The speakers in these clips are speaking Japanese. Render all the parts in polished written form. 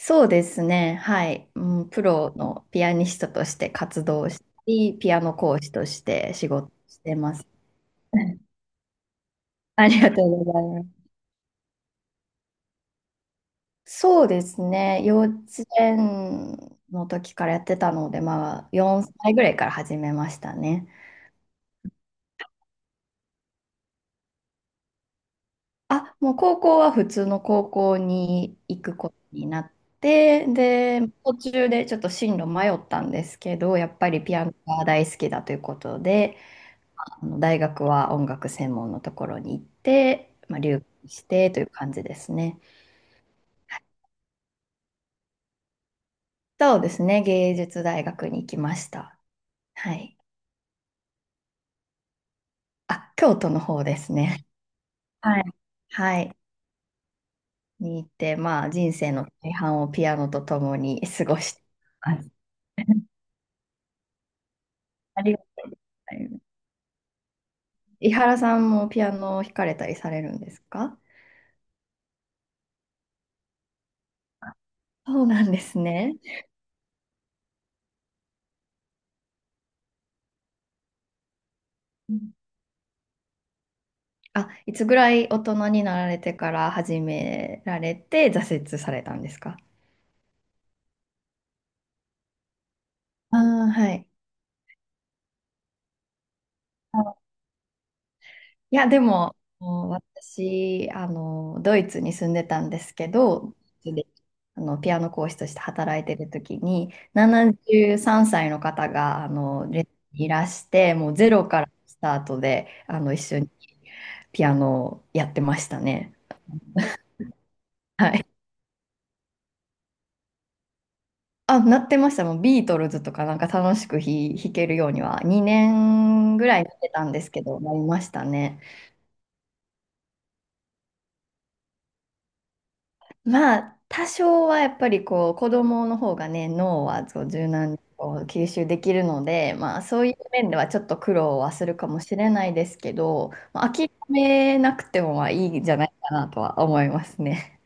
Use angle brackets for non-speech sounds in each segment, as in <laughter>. そうですね。はい。うん、プロのピアニストとして活動したり、ピアノ講師として仕事してます。<laughs> ありがとうございます。そうですね。幼稚園の時からやってたので、まあ、4歳ぐらいから始めましたね。あ、もう高校は普通の高校に行くことになって、で、途中でちょっと進路迷ったんですけど、やっぱりピアノが大好きだということで、大学は音楽専門のところに行って、まあ、留学してという感じですね。はい。そうですね、芸術大学に行きました。はい。あ、京都の方ですね。はい。はい。に行って、まあ、人生の大半をピアノと共に過ごしてます。<laughs> ありがとうございます。伊原さんもピアノを弾かれたりされるんですか？あ、そうなんですね。うん。あ、いつぐらい大人になられてから始められて挫折されたんですか？ああ、はい。あ、いや、でも、もう私、ドイツに住んでたんですけど、で、ピアノ講師として働いてる時に、73歳の方が、レッスンにいらして、もうゼロからスタートで、一緒にピアノをやってましたね。はい。あ、なってました。もうビートルズとかなんか楽しく弾けるようには、2年ぐらいなってたんですけど、なりましたね。まあ、多少はやっぱりこう、子供の方がね、脳はこう柔軟にこう吸収できるので、まあ、そういう面ではちょっと苦労はするかもしれないですけど、まあ、諦めなくてもまあいいんじゃないかなとは思いますね。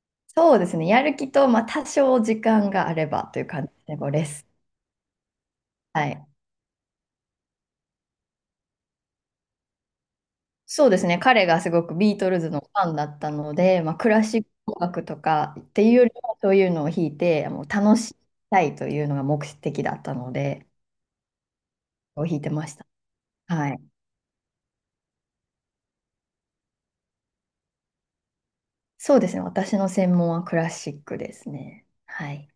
<laughs> そうですね、やる気と、まあ、多少時間があればという感じで、こうレッスン。はい。そうですね、彼がすごくビートルズのファンだったので、まあ、クラシック音楽とかっていうよりは、そういうのを弾いて、もう楽しみたいというのが目的だったので。を弾いてました。はい。そうですね。私の専門はクラシックですね。はい。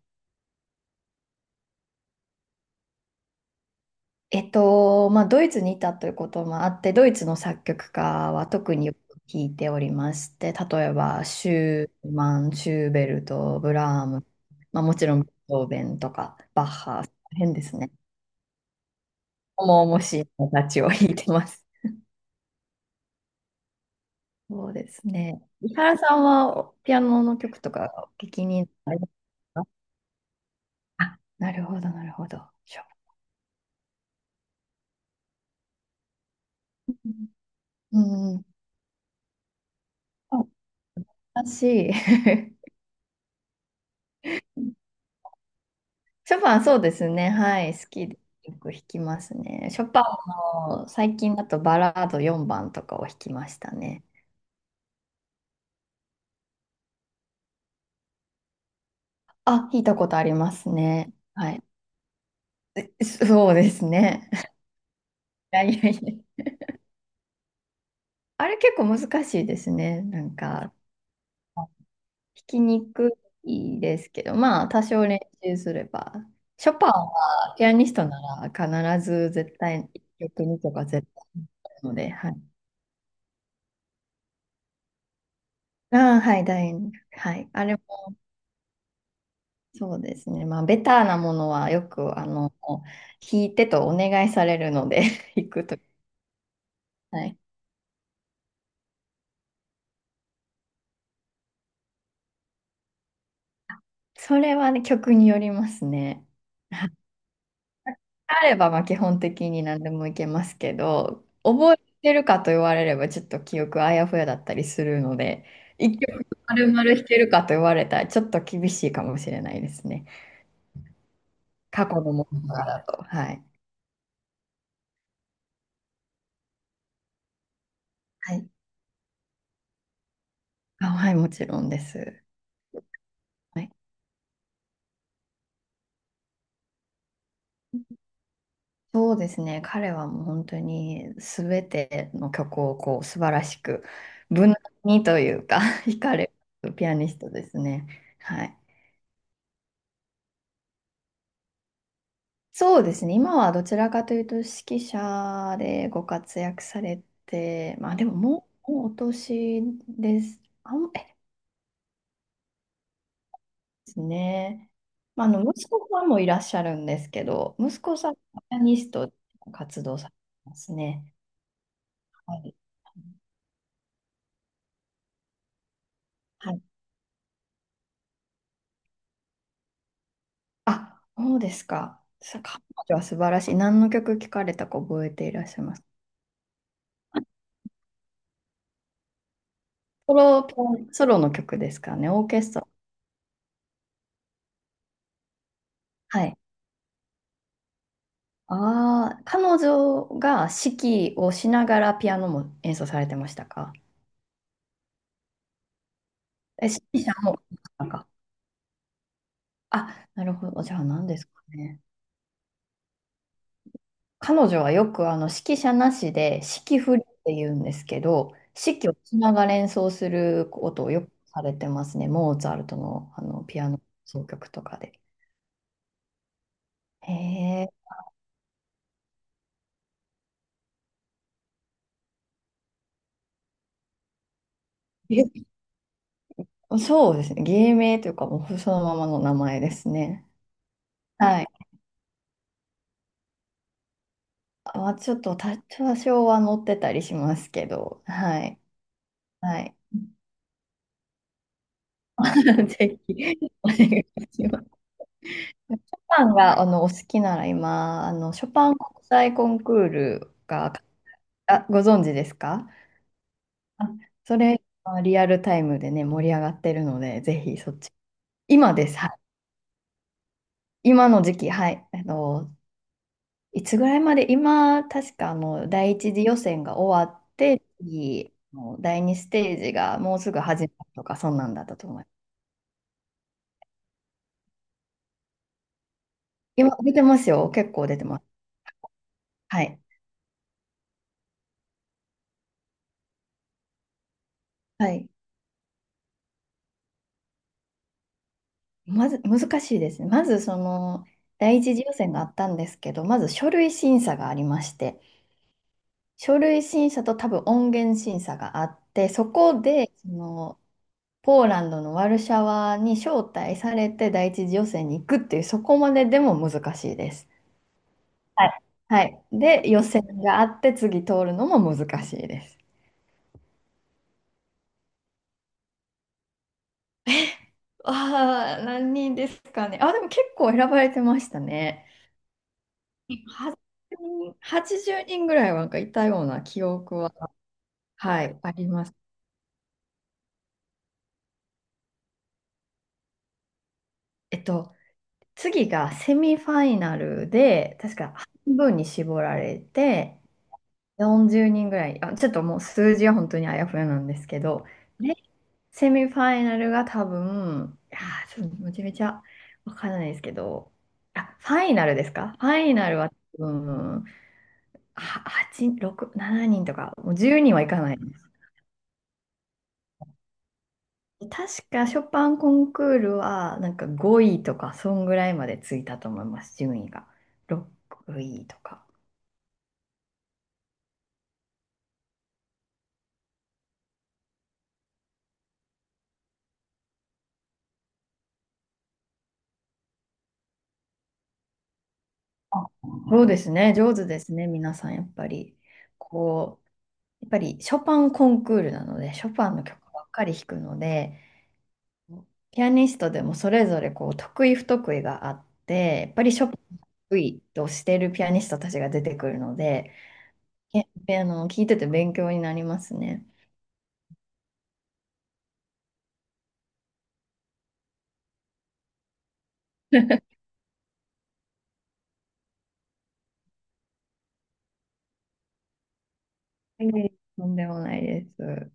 まあ、ドイツにいたということもあって、ドイツの作曲家は特によく弾いておりまして、例えば、シューマン、シューベルト、ブラーム、まあ、もちろん、ベートーベンとか、バッハ、変ですね。重々しい人たちを弾いてます。そうですね。伊原さんは、ピアノの曲とか、お聞きになりますか？あ、なるほど、なるほど。ショパン。うん。あ、私、<laughs> ショパン。そうですね。はい。好きでよく弾きますね。ショパンの最近だとバラード4番とかを弾きましたね。あ、弾いたことありますね。はい。そうですね。<laughs> いやいやいや。あれ結構難しいですね。なんか、弾きにくいですけど、まあ、多少練習すれば。ショパンはピアニストなら必ず絶対1曲2とか絶対弾くので、はい。ああ、はい、楕円。はい。あれもそうですね。まあ、ベターなものはよく、弾いてとお願いされるので <laughs> 弾くと。はい。それはね、曲によりますね。はい。あれば、まあ、基本的に何でもいけますけど、覚えてるかと言われれば、ちょっと記憶あやふやだったりするので、一曲丸々弾けるかと言われたら、ちょっと厳しいかもしれないですね。過去のものとかだと。はい。はい。あ、はい、もちろんです。はい。そうですね。彼はもう本当に全ての曲をこう素晴らしく、無難にというか <laughs> 弾かれるピアニストですね。はい。そうですね。今はどちらかというと指揮者でご活躍されて、まあでももう、もうお年です。ですね。まあ、あの息子さんもいらっしゃるんですけど、息子さんはピアニストで活動されてますね。はい。はい。あ、そうですか。彼女は素晴らしい。何の曲聞かれたか覚えていらっしゃいます？ソロ、ピアノソロの曲ですかね、オーケストラ。はい。ああ、彼女が指揮をしながらピアノも演奏されてましたか？え、指揮者も、なんか。あ、なるほど。じゃあ何ですかね。彼女はよく指揮者なしで指揮振りって言うんですけど、指揮をしながら演奏することをよくされてますね。モーツァルトの、ピアノ奏曲とかで。へえ。え。 <laughs> そうですね。芸名というか、もうそのままの名前ですね。はい。まあ、ちょっと多少は載ってたりしますけど、はい。はい。<laughs> ぜひ、お願いします。ショパンが、お好きなら今、ショパン国際コンクールが、あ、ご存知ですか？あ、それ、まあリアルタイムでね、盛り上がってるので、ぜひそっち。今です。はい。今の時期、はい。いつぐらいまで、今、確か第一次予選が終わって、次、もう第二ステージがもうすぐ始まるとか、そんなんだったと思います。今、出てますよ。結構出てます。はい。はい。まず、難しいですね。まず、第一次予選があったんですけど、まず書類審査がありまして、書類審査と多分音源審査があって、そこで、ポーランドのワルシャワに招待されて第一次予選に行くっていう、そこまででも難しいです。はい。はい。で、予選があって、次通るのも難しいです。ああ、何人ですかね。あ、でも結構選ばれてましたね。80人、80人ぐらいはなんかいたような記憶は、はい、あります。えっと、次がセミファイナルで、確か半分に絞られて、40人ぐらい、あ、ちょっともう数字は本当にあやふやなんですけど、でセミファイナルが多分、いやー、ちょっとめちゃめちゃわからないですけど、あ、ファイナルですか。ファイナルは多分、は8、6、7人とか、もう10人はいかないです。確かショパンコンクールはなんか5位とか、そんぐらいまでついたと思います、順位が。6位とか。そうですね、上手ですね、皆さん、やっぱり。こう、やっぱりショパンコンクールなので、ショパンの曲ばっかり弾くので、ピアニストでもそれぞれこう得意不得意があって、やっぱりショパンが得意としているピアニストたちが出てくるので、え、あの、聞いてて勉強になりますね。<laughs> うとんでもないです。